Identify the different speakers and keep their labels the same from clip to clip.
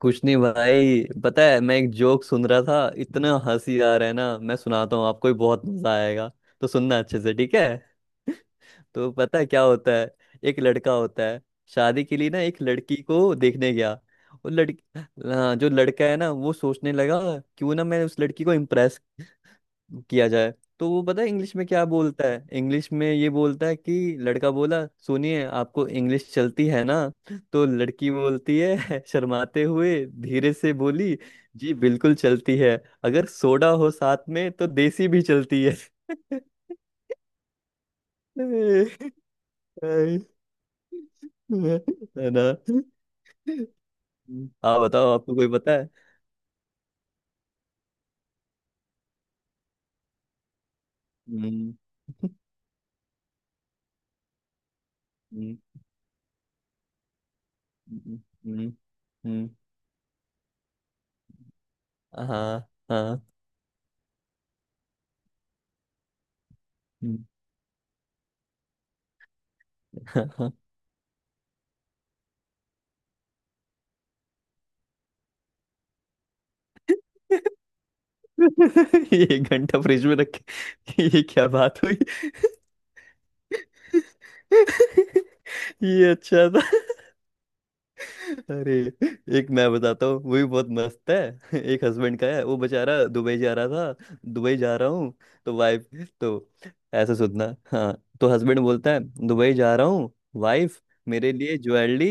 Speaker 1: कुछ नहीं भाई, पता है मैं एक जोक सुन रहा था, इतना हंसी आ रहा है ना, मैं सुनाता हूँ, आपको भी बहुत मजा आएगा। तो सुनना अच्छे से ठीक है। तो पता है क्या होता है। एक लड़का होता है, शादी के लिए ना एक लड़की को देखने गया। वो लड़की, हाँ, जो लड़का है ना वो सोचने लगा क्यों ना मैं उस लड़की को इम्प्रेस किया जाए। तो वो पता है इंग्लिश में क्या बोलता है, इंग्लिश में ये बोलता है कि लड़का बोला, सुनिए आपको इंग्लिश चलती है ना। तो लड़की बोलती है शर्माते हुए धीरे से बोली, जी बिल्कुल चलती है, अगर सोडा हो साथ में तो देसी भी चलती है। है ना। आप बताओ आपको कोई पता है। हम्म। हम्म। हम्म। हम्म। हम्म। हाँ हाँ। हम्म। ये एक घंटा फ्रिज में रख के ये क्या बात हुई। ये अच्छा था। अरे एक मैं बताता हूँ, वो भी बहुत मस्त है। एक हस्बैंड का है, वो बेचारा दुबई जा रहा था। दुबई जा रहा हूँ तो वाइफ, तो ऐसा सुनना, हाँ। तो हस्बैंड बोलता है दुबई जा रहा हूँ, वाइफ मेरे लिए ज्वेलरी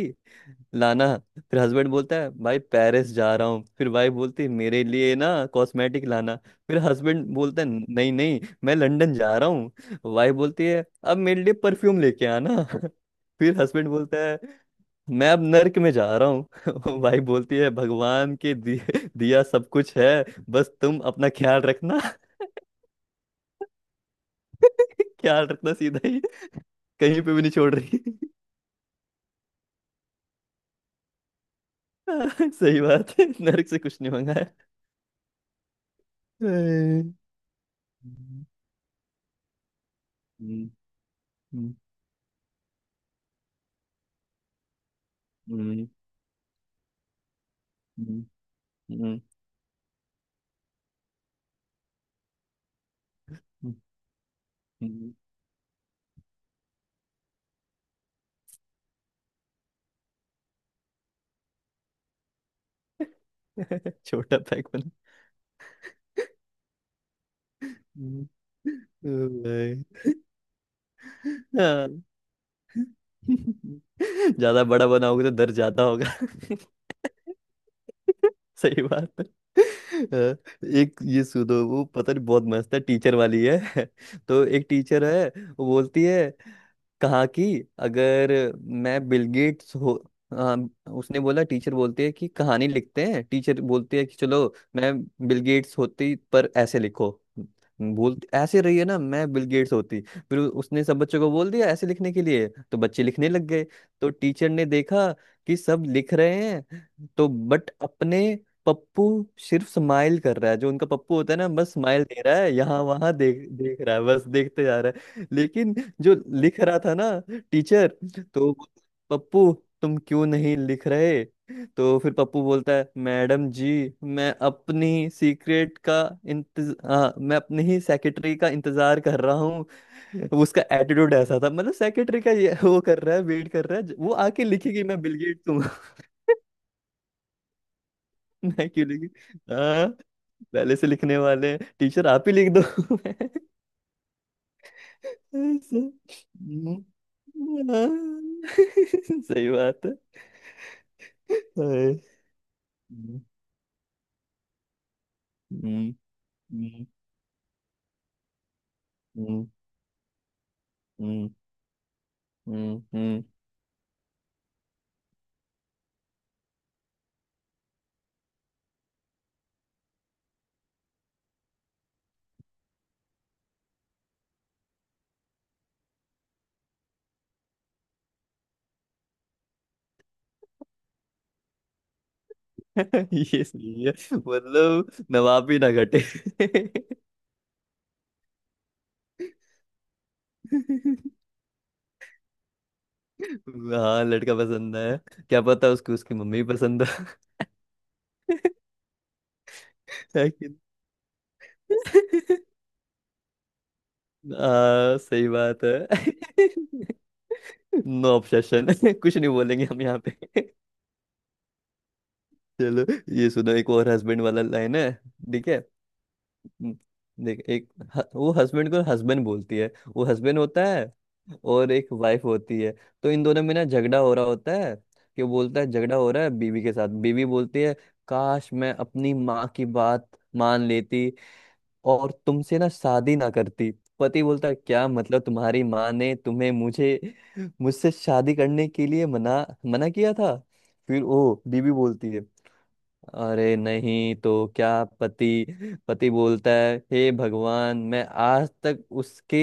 Speaker 1: लाना। फिर हस्बैंड बोलता है भाई पेरिस जा रहा हूँ, फिर वाइफ बोलती है मेरे लिए ना कॉस्मेटिक लाना। फिर हस्बैंड बोलता है नहीं नहीं मैं लंदन जा रहा हूँ। वाइफ बोलती है अब मेरे लिए परफ्यूम लेके आना। फिर हस्बैंड बोलता है मैं अब नर्क में जा रहा हूँ। वाइफ बोलती है भगवान के दिया सब कुछ है, बस तुम अपना ख्याल रखना। ख्याल रखना सीधा ही, कहीं पे भी नहीं छोड़ रही। सही बात है, नर्क से कुछ नहीं मंगा है। हम्म। हम्म। हम्म। हम्म। हम्म। हम्म। हम्म। छोटा पैक बना। हम्म। ओए। हाँ। ज्यादा बड़ा बनाओगे तो दर्द ज्यादा होगा। सही बात है। हाँ, एक ये सुनो, वो पता नहीं बहुत मस्त है, टीचर वाली है। तो एक टीचर है, वो बोलती है, कहा कि अगर मैं बिल गेट्स हो, हाँ उसने बोला, टीचर बोलती है कि कहानी लिखते हैं, टीचर बोलती है कि चलो मैं बिल गेट्स होती पर ऐसे लिखो, बोल ऐसे रही है ना, मैं बिल गेट्स होती, फिर उसने सब बच्चों को बोल दिया ऐसे लिखने के लिए तो बच्चे लिखने लग गए। तो टीचर ने देखा कि सब लिख रहे हैं। तो बट अपने पप्पू सिर्फ स्माइल कर रहा है, जो उनका पप्पू होता है ना, बस स्माइल दे रहा है, यहाँ वहां देख देख रहा है, बस देखते जा रहा है, लेकिन जो लिख रहा था ना टीचर, तो वो, पप्पू तुम क्यों नहीं लिख रहे। तो फिर पप्पू बोलता है मैडम जी, मैं अपनी सीक्रेट का इंतज हाँ, मैं अपनी ही सेक्रेटरी का इंतजार कर रहा हूँ। उसका एटीट्यूड ऐसा था, मतलब सेक्रेटरी का ये वो कर रहा है, वेट कर रहा है, वो आके लिखेगी मैं बिल गेट्स हूँ। मैं क्यों लिखी। हाँ। पहले से लिखने वाले, टीचर आप ही लिख दो। ऐसा। हाँ। सही बात है। हाय। हम्म। हम्म। हम्म। हम्म। हम्म। हम्म। हम्म। ये सही है, मतलब नवाब भी ना घटे। हाँ लड़का पसंद है। क्या पता उसको उसकी मम्मी पसंद हो। है कि नहीं? हाँ सही बात है। No objection. कुछ नहीं बोलेंगे हम यहाँ पे। चलो, ये सुनो, एक और हस्बैंड वाला लाइन है, ठीक है। हम्म। देख, एक वो हस्बैंड को, हस्बैंड बोलती है, वो हस्बैंड होता है और एक वाइफ होती है। तो इन दोनों में ना झगड़ा हो रहा होता है कि, वो बोलता है झगड़ा हो रहा है बीवी के साथ, बीवी बोलती है काश मैं अपनी माँ की बात मान लेती और तुमसे ना शादी ना करती। पति बोलता है क्या मतलब, तुम्हारी माँ ने तुम्हें मुझे मुझसे शादी करने के लिए मना मना किया था। फिर वो बीवी बोलती है अरे नहीं तो, क्या। पति पति बोलता है हे भगवान, मैं आज तक उसके,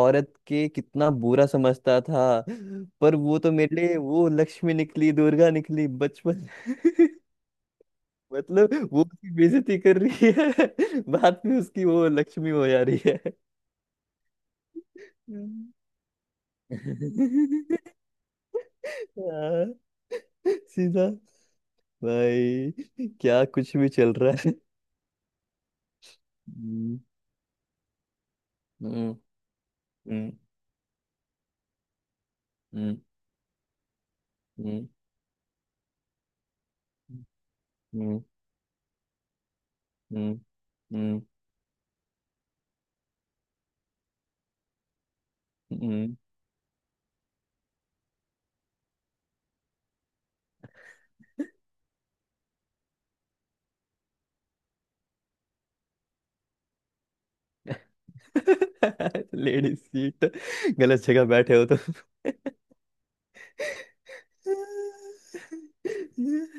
Speaker 1: औरत के कितना बुरा समझता था, पर वो तो मेरे लिए वो लक्ष्मी निकली, दुर्गा निकली, बचपन। मतलब वो उसकी बेइज्जती कर रही है। बाद में उसकी वो लक्ष्मी हो जा रही है। हम्म। हाँ, सीधा भाई क्या कुछ भी चल रहा है। हम्म। हम्म। हम्म। हम्म, हम्म। हम्म। हम्म। हम्म। हम्म। लेडीज सीट, गलत जगह बैठे हो तो।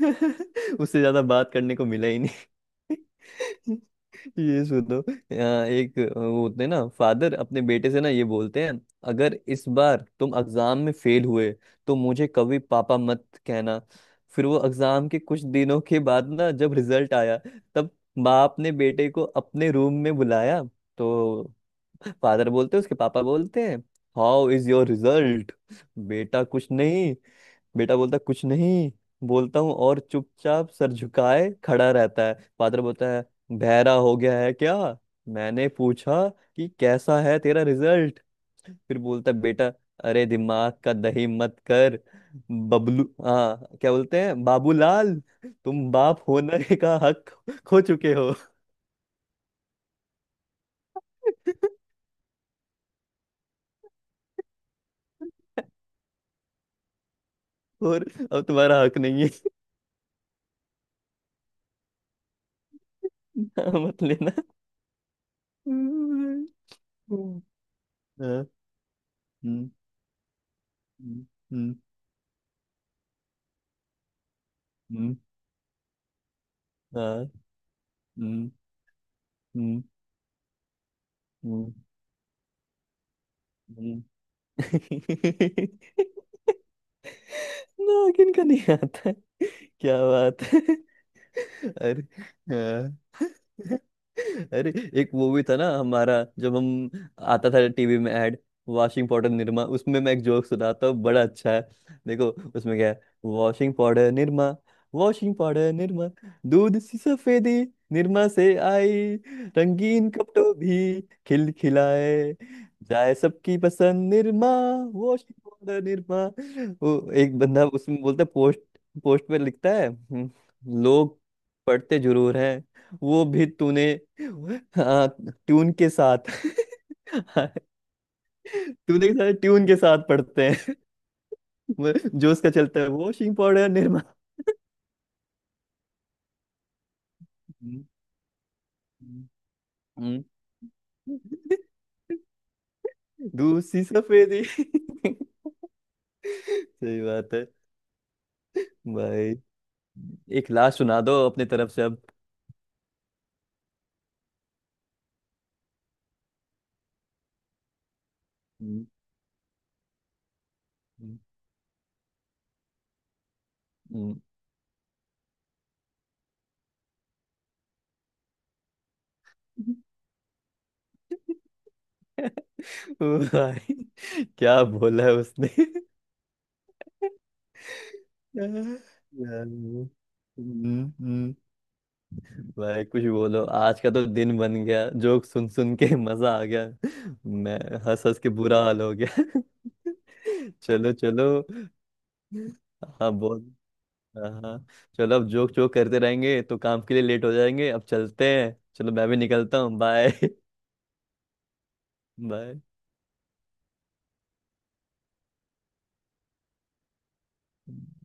Speaker 1: उससे ज्यादा बात करने को मिला ही नहीं। ये सुनो, यहाँ एक वो होते हैं ना, फादर अपने बेटे से ना ये बोलते हैं, अगर इस बार तुम एग्जाम में फेल हुए तो मुझे कभी पापा मत कहना। फिर वो एग्जाम के कुछ दिनों के बाद ना, जब रिजल्ट आया तब बाप ने बेटे को अपने रूम में बुलाया। तो फादर बोलते हैं, उसके पापा बोलते हैं, हाउ इज योर रिजल्ट। बेटा कुछ नहीं, बेटा बोलता कुछ नहीं बोलता हूँ और चुपचाप सर झुकाए खड़ा रहता है। फादर बोलता है, बहरा हो गया है क्या, मैंने पूछा कि कैसा है तेरा रिजल्ट। फिर बोलता है, बेटा अरे दिमाग का दही मत कर, बबलू, हाँ क्या बोलते हैं, बाबूलाल, तुम बाप होने का हक खो चुके हो। और अब तुम्हारा हक नहीं है। हाँ, मत लेना। हम्म, हम्म, हाँ, हम्म, हम्म, हम्म, हम्म, हाँ, हम्म, हम्म, हम्म, हम्म। ना किन का नहीं आता। क्या बात है। अरे। हाँ। अरे एक वो भी था ना हमारा, जब हम, आता था टीवी में ऐड, वॉशिंग पाउडर निरमा, उसमें मैं एक जोक सुनाता हूँ, बड़ा अच्छा है। देखो उसमें क्या है, washing powder Nirma, washing powder Nirma, दूध सी सफेदी निरमा से आई, रंगीन कपटो भी खिल खिलाए जाए, सबकी पसंद निरमा, वॉशिंग पाउडर निरमा। वो एक बंदा उसमें बोलता है, पोस्ट पोस्ट पे लिखता है, लोग पढ़ते जरूर है, वो भी तूने, हाँ ट्यून के साथ। तूने के साथ, ट्यून के साथ पढ़ते हैं। वो जो उसका चलता है वॉशिंग पाउडर निरमा। हम्म, हम्म, हम्म। दूसरी सफेदी। सही बात है। भाई एक लास्ट सुना दो अपने तरफ से अब। हम्म, हम्म, हम्म। भाई क्या बोला है उसने। यार, हम्म, हम्म। भाई कुछ बोलो, आज का तो दिन बन गया, जोक सुन सुन के। मजा आ गया, मैं हंस हंस के बुरा हाल हो गया। चलो चलो। हाँ बहुत। हाँ हाँ। चलो, अब जोक जोक करते रहेंगे तो काम के लिए लेट हो जाएंगे, अब चलते हैं, चलो मैं भी निकलता हूँ, बाय। बाय।